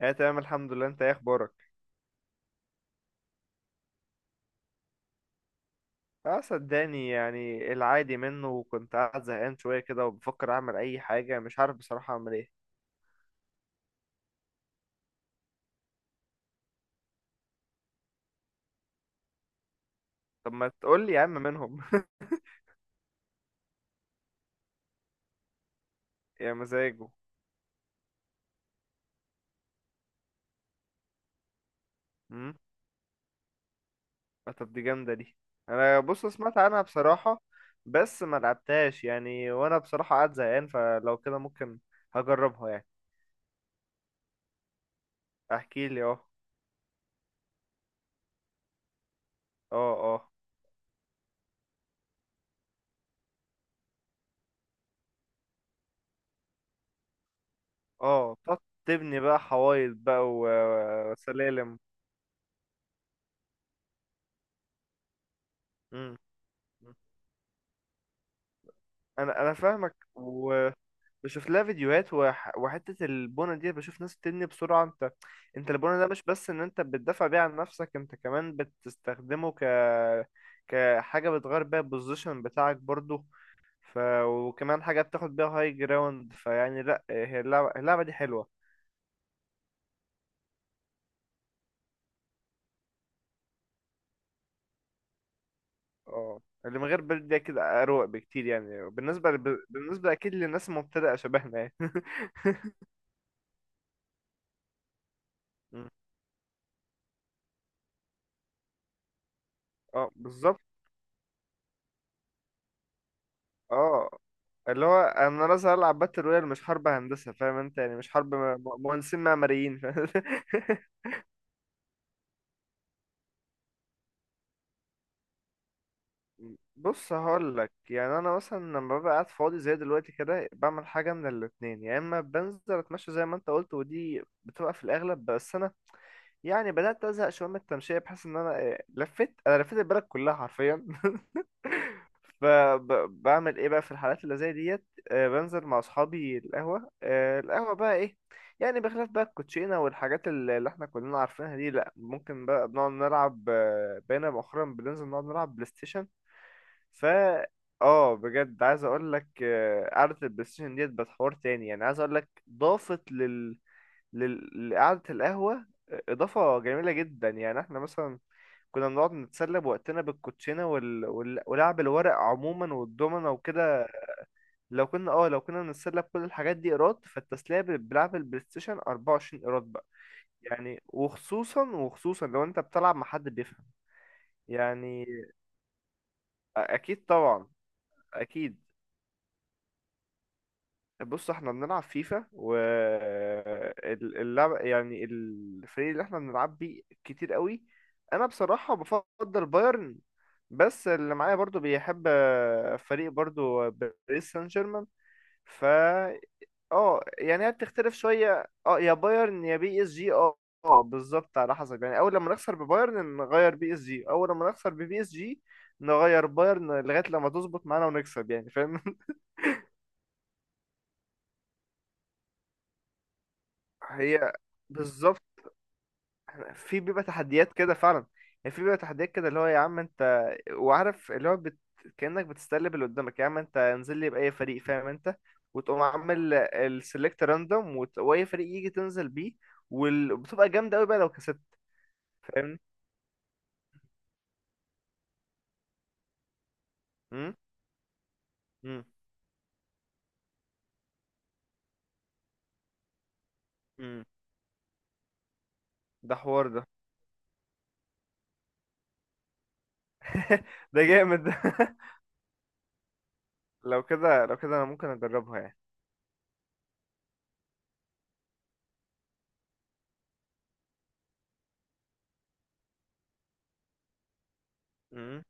اه تمام، الحمد لله. انت ايه اخبارك؟ اه صدقني، يعني العادي منه، وكنت قاعد زهقان شويه كده وبفكر اعمل اي حاجه، مش عارف بصراحه اعمل ايه. طب ما تقول لي يا عم منهم؟ يا مزاجه. امم طب دي جامده دي. انا بص، سمعت عنها بصراحه. بس ما لعبتهاش يعني، وانا بصراحه قاعد زهقان، فلو كده ممكن هجربها يعني. احكي لي اه. اه، اه، اه، بتقعد تبني بقى حوايط بقى و- وسلالم. امم انا فاهمك بشوف لها فيديوهات وحتة البونة دي بشوف ناس بتبني بسرعة، انت البونة ده مش بس ان انت بتدافع بيه عن نفسك، انت كمان بتستخدمه كحاجة بتغير بيها البوزيشن بتاعك برضو. ف... وكمان حاجة بتاخد بيها هاي جراوند، فيعني لا، هي اللعبة دي حلوة. اه، اللي من غير برد ده كده اروق بكتير، يعني بالنسبة اكيد للناس المبتدئة شبهنا يعني. اه بالظبط. اه، اللي هو انا لازم العب باتل رويال، مش حرب هندسه، فاهم انت؟ يعني مش حرب مهندسين معماريين، فاهم؟ بص هقول لك يعني، انا مثلا لما ببقى قاعد فاضي زي دلوقتي كده، بعمل حاجه من الاتنين، يا اما بنزل اتمشى زي ما انت قلت ودي بتبقى في الاغلب، بس انا يعني بدأت أزهق شوية من التمشية، بحس إن أنا لفيت البلد كلها حرفيا. فبعمل إيه بقى في الحالات اللي زي ديت؟ بنزل مع أصحابي القهوة. القهوة بقى إيه؟ يعني بخلاف بقى الكوتشينة والحاجات اللي إحنا كلنا عارفينها دي، لأ ممكن بقى بنقعد نلعب، بقينا مؤخرا بننزل نقعد نلعب بلاي ستيشن. فا اه، بجد عايز اقول لك، قعدة البلاي ستيشن ديت بتحور تاني. يعني عايز اقول لك، ضافت لقعدة القهوة إضافة جميلة جدا. يعني احنا مثلا كنا بنقعد نتسلى بوقتنا بالكوتشينة ولعب الورق عموما والدومنة وكده. لو كنا لو كنا بنتسلى بكل الحاجات دي ايراد، فالتسلية بلعب البلاي ستيشن 24 ايراد بقى. يعني، وخصوصا وخصوصا لو انت بتلعب مع حد بيفهم يعني. اكيد طبعا، اكيد. بص احنا بنلعب فيفا، واللعب يعني الفريق اللي احنا بنلعب بيه كتير قوي. انا بصراحة بفضل بايرن. بس اللي معايا برضو بيحب فريق برضو باريس سان جيرمان. فا اه يعني هي بتختلف شوية، يا بايرن يا بي اس جي، اه. اه بالظبط، على حسب يعني. اول لما نخسر ببايرن نغير بي اس جي، اول لما نخسر ببي اس جي نغير بايرن، لغاية لما تظبط معانا ونكسب، يعني فاهم؟ هي بالظبط. في بيبقى تحديات كده فعلا، يعني في بيبقى تحديات كده، اللي هو يا عم انت وعارف اللي هو كأنك بتستقلب اللي قدامك، يا عم انت انزل لي بأي فريق فاهم انت. وتقوم عامل السلكت راندوم واي فريق يجي تنزل بيه، وبتبقى جامدة قوي بقى لو كسبت، فاهمني. امم امم امم ده حوار ده. ده جامد ده. لو كده انا ممكن اجربها يعني.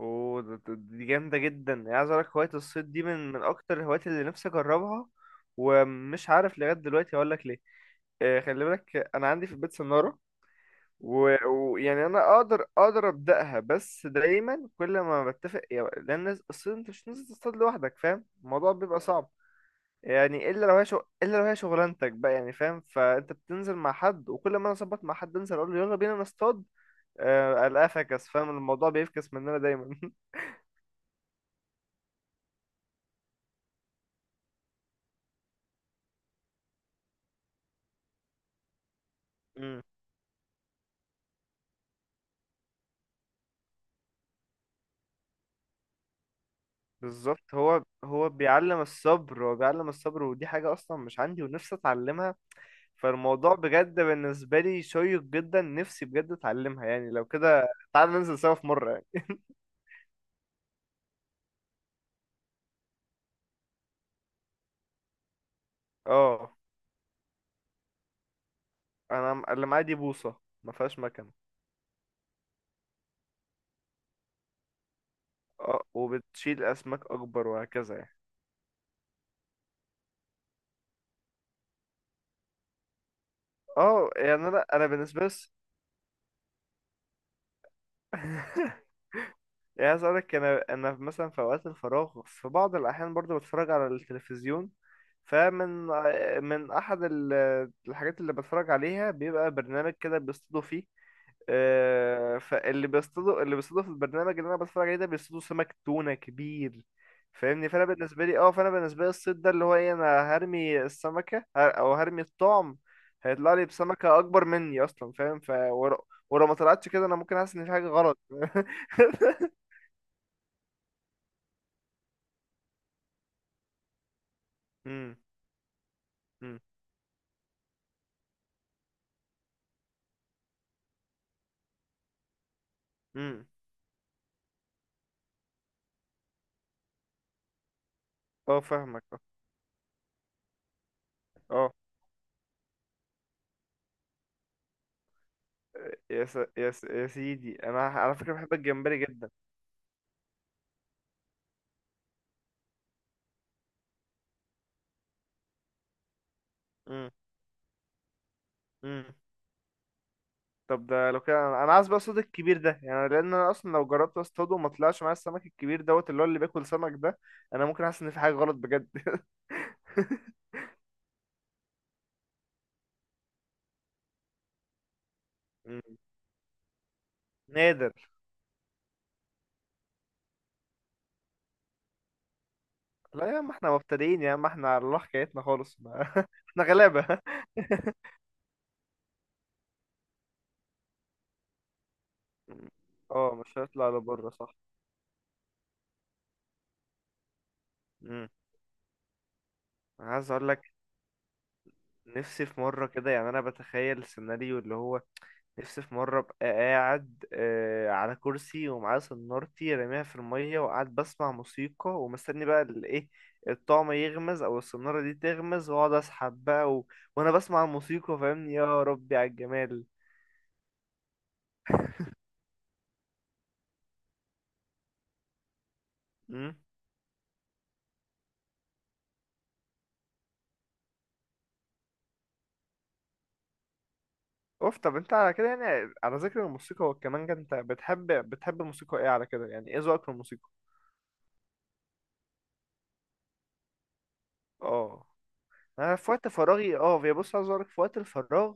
اوه، دي جامدة جدا. يعني عايز اقولك، هواية الصيد دي من اكتر الهوايات اللي نفسي اجربها، ومش عارف لغاية دلوقتي هقولك ليه. خلي بالك انا عندي في البيت سنارة، ويعني انا اقدر ابدأها. بس دايما كل ما بتفق يعني، لان الصيد انت مش نازل تصطاد لوحدك، فاهم، الموضوع بيبقى صعب. يعني الا لو هي شغلانتك بقى، يعني فاهم، فانت بتنزل مع حد، وكل ما انا اظبط مع حد انزل اقول له يلا بينا نصطاد، الاقيه فكس، فاهم، الموضوع بيفكس مننا دايما. بالظبط. هو بيعلم الصبر، هو بيعلم الصبر، ودي حاجة أصلا مش عندي ونفسي أتعلمها. فالموضوع بجد بالنسبة لي شيق جدا، نفسي بجد أتعلمها يعني. لو كده تعال ننزل سوا في مرة يعني. اه، أنا اللي معايا دي بوصة، ما فيهاش مكنة. اه، وبتشيل أسماك أكبر وهكذا يعني. اه يعني، أنا بالنسبة لي يعني عايز اقولك، انا مثلا في اوقات الفراغ في بعض الاحيان برضو بتفرج على التلفزيون. فمن احد الحاجات اللي بتفرج عليها، بيبقى برنامج كده بيصطادوا فيه. فاللي بيصطادوا اللي بيصطادوا في البرنامج اللي انا بتفرج عليه ده بيصطادوا سمك تونة كبير، فاهمني. فانا بالنسبه لي الصيد ده اللي هو ايه، انا هرمي السمكه او هرمي الطعم، هيطلع لي بسمكه اكبر مني اصلا، فاهم؟ ولو ما طلعتش كده انا ممكن احس ان في حاجه غلط. امم امم امم اه فاهمك، اه. اه، يا سيدي، انا على فكره بحب الجمبري جدا. امم امم طب ده لو كده، أنا عايز بقى الصوت الكبير ده. يعني لان انا اصلا لو جربت اصطاده وما طلعش معايا السمك الكبير دوت اللي هو اللي بياكل سمك ده، انا ممكن احس ان في حاجه غلط بجد. مم. نادر. لا يا عم، احنا مبتدئين يا عم، احنا على الله حكايتنا خالص، ما. احنا غلابه. مم. اه، مش هيطلع لبره، صح. امم عايز اقول لك، نفسي في مره كده، يعني انا بتخيل سيناريو اللي هو، نفسي في مرة أبقى قاعد على كرسي ومعايا صنارتي راميها في المية، وقاعد بسمع موسيقى ومستني بقى الإيه، الطعم يغمز أو الصنارة دي تغمز وأقعد أسحب بقى وأنا بسمع الموسيقى، فاهمني، يا ربي على الجمال. مم. أوف، طب أنت على كده، يعني على ذكر الموسيقى والكمانجة، أنت بتحب الموسيقى إيه على كده؟ يعني إيه ذوقك في الموسيقى؟ آه انا في وقت فراغي، هي بص، عايز اقولك في وقت الفراغ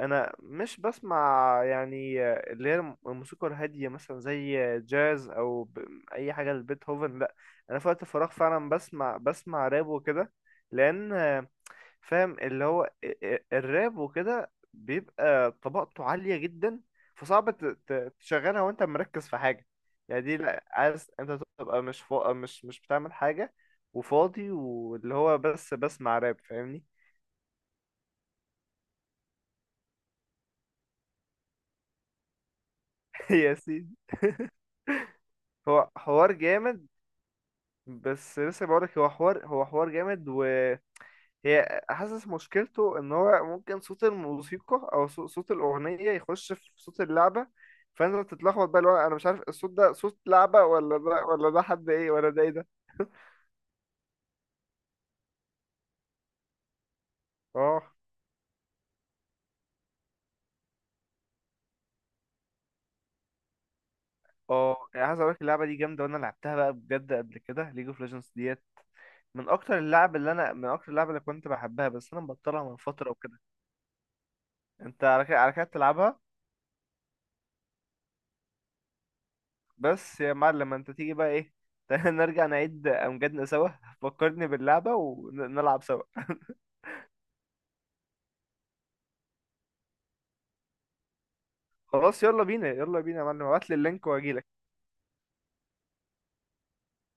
انا مش بسمع يعني اللي هي الموسيقى الهاديه، مثلا زي جاز، او اي حاجه لبيتهوفن، لا. انا في وقت الفراغ فعلا بسمع راب وكده. لان فاهم، اللي هو الراب وكده بيبقى طبقته عاليه جدا، فصعب تشغلها وانت مركز في حاجه. يعني دي لا، عايز انت تبقى مش فوق، مش بتعمل حاجه وفاضي واللي هو بس بسمع راب، فاهمني. يا سيدي، هو حوار جامد. بس لسه بقولك، هو حوار جامد، وهي حاسس مشكلته ان هو ممكن صوت الموسيقى او صوت الاغنيه يخش في صوت اللعبه، فانت تتلخبط بقى، اللي هو انا مش عارف الصوت ده صوت لعبه، ولا ده ولا ده حد ايه ولا ده ايه ده. اه، اه يعني، عايز اقولك اللعبه دي جامده، وانا لعبتها بقى بجد قبل كده، ليج اوف ليجندز ديت من اكتر اللعب اللي انا من اكتر اللعب اللي كنت بحبها، بس انا مبطلها من فتره وكده. انت على كده، على كده بتلعبها. بس يا معلم، انت تيجي بقى ايه؟ تعالى نرجع نعيد امجادنا سوا، فكرني باللعبة ونلعب سوا. خلاص يلا بينا، يلا بينا يا معلم، ابعت لي اللينك واجيلك.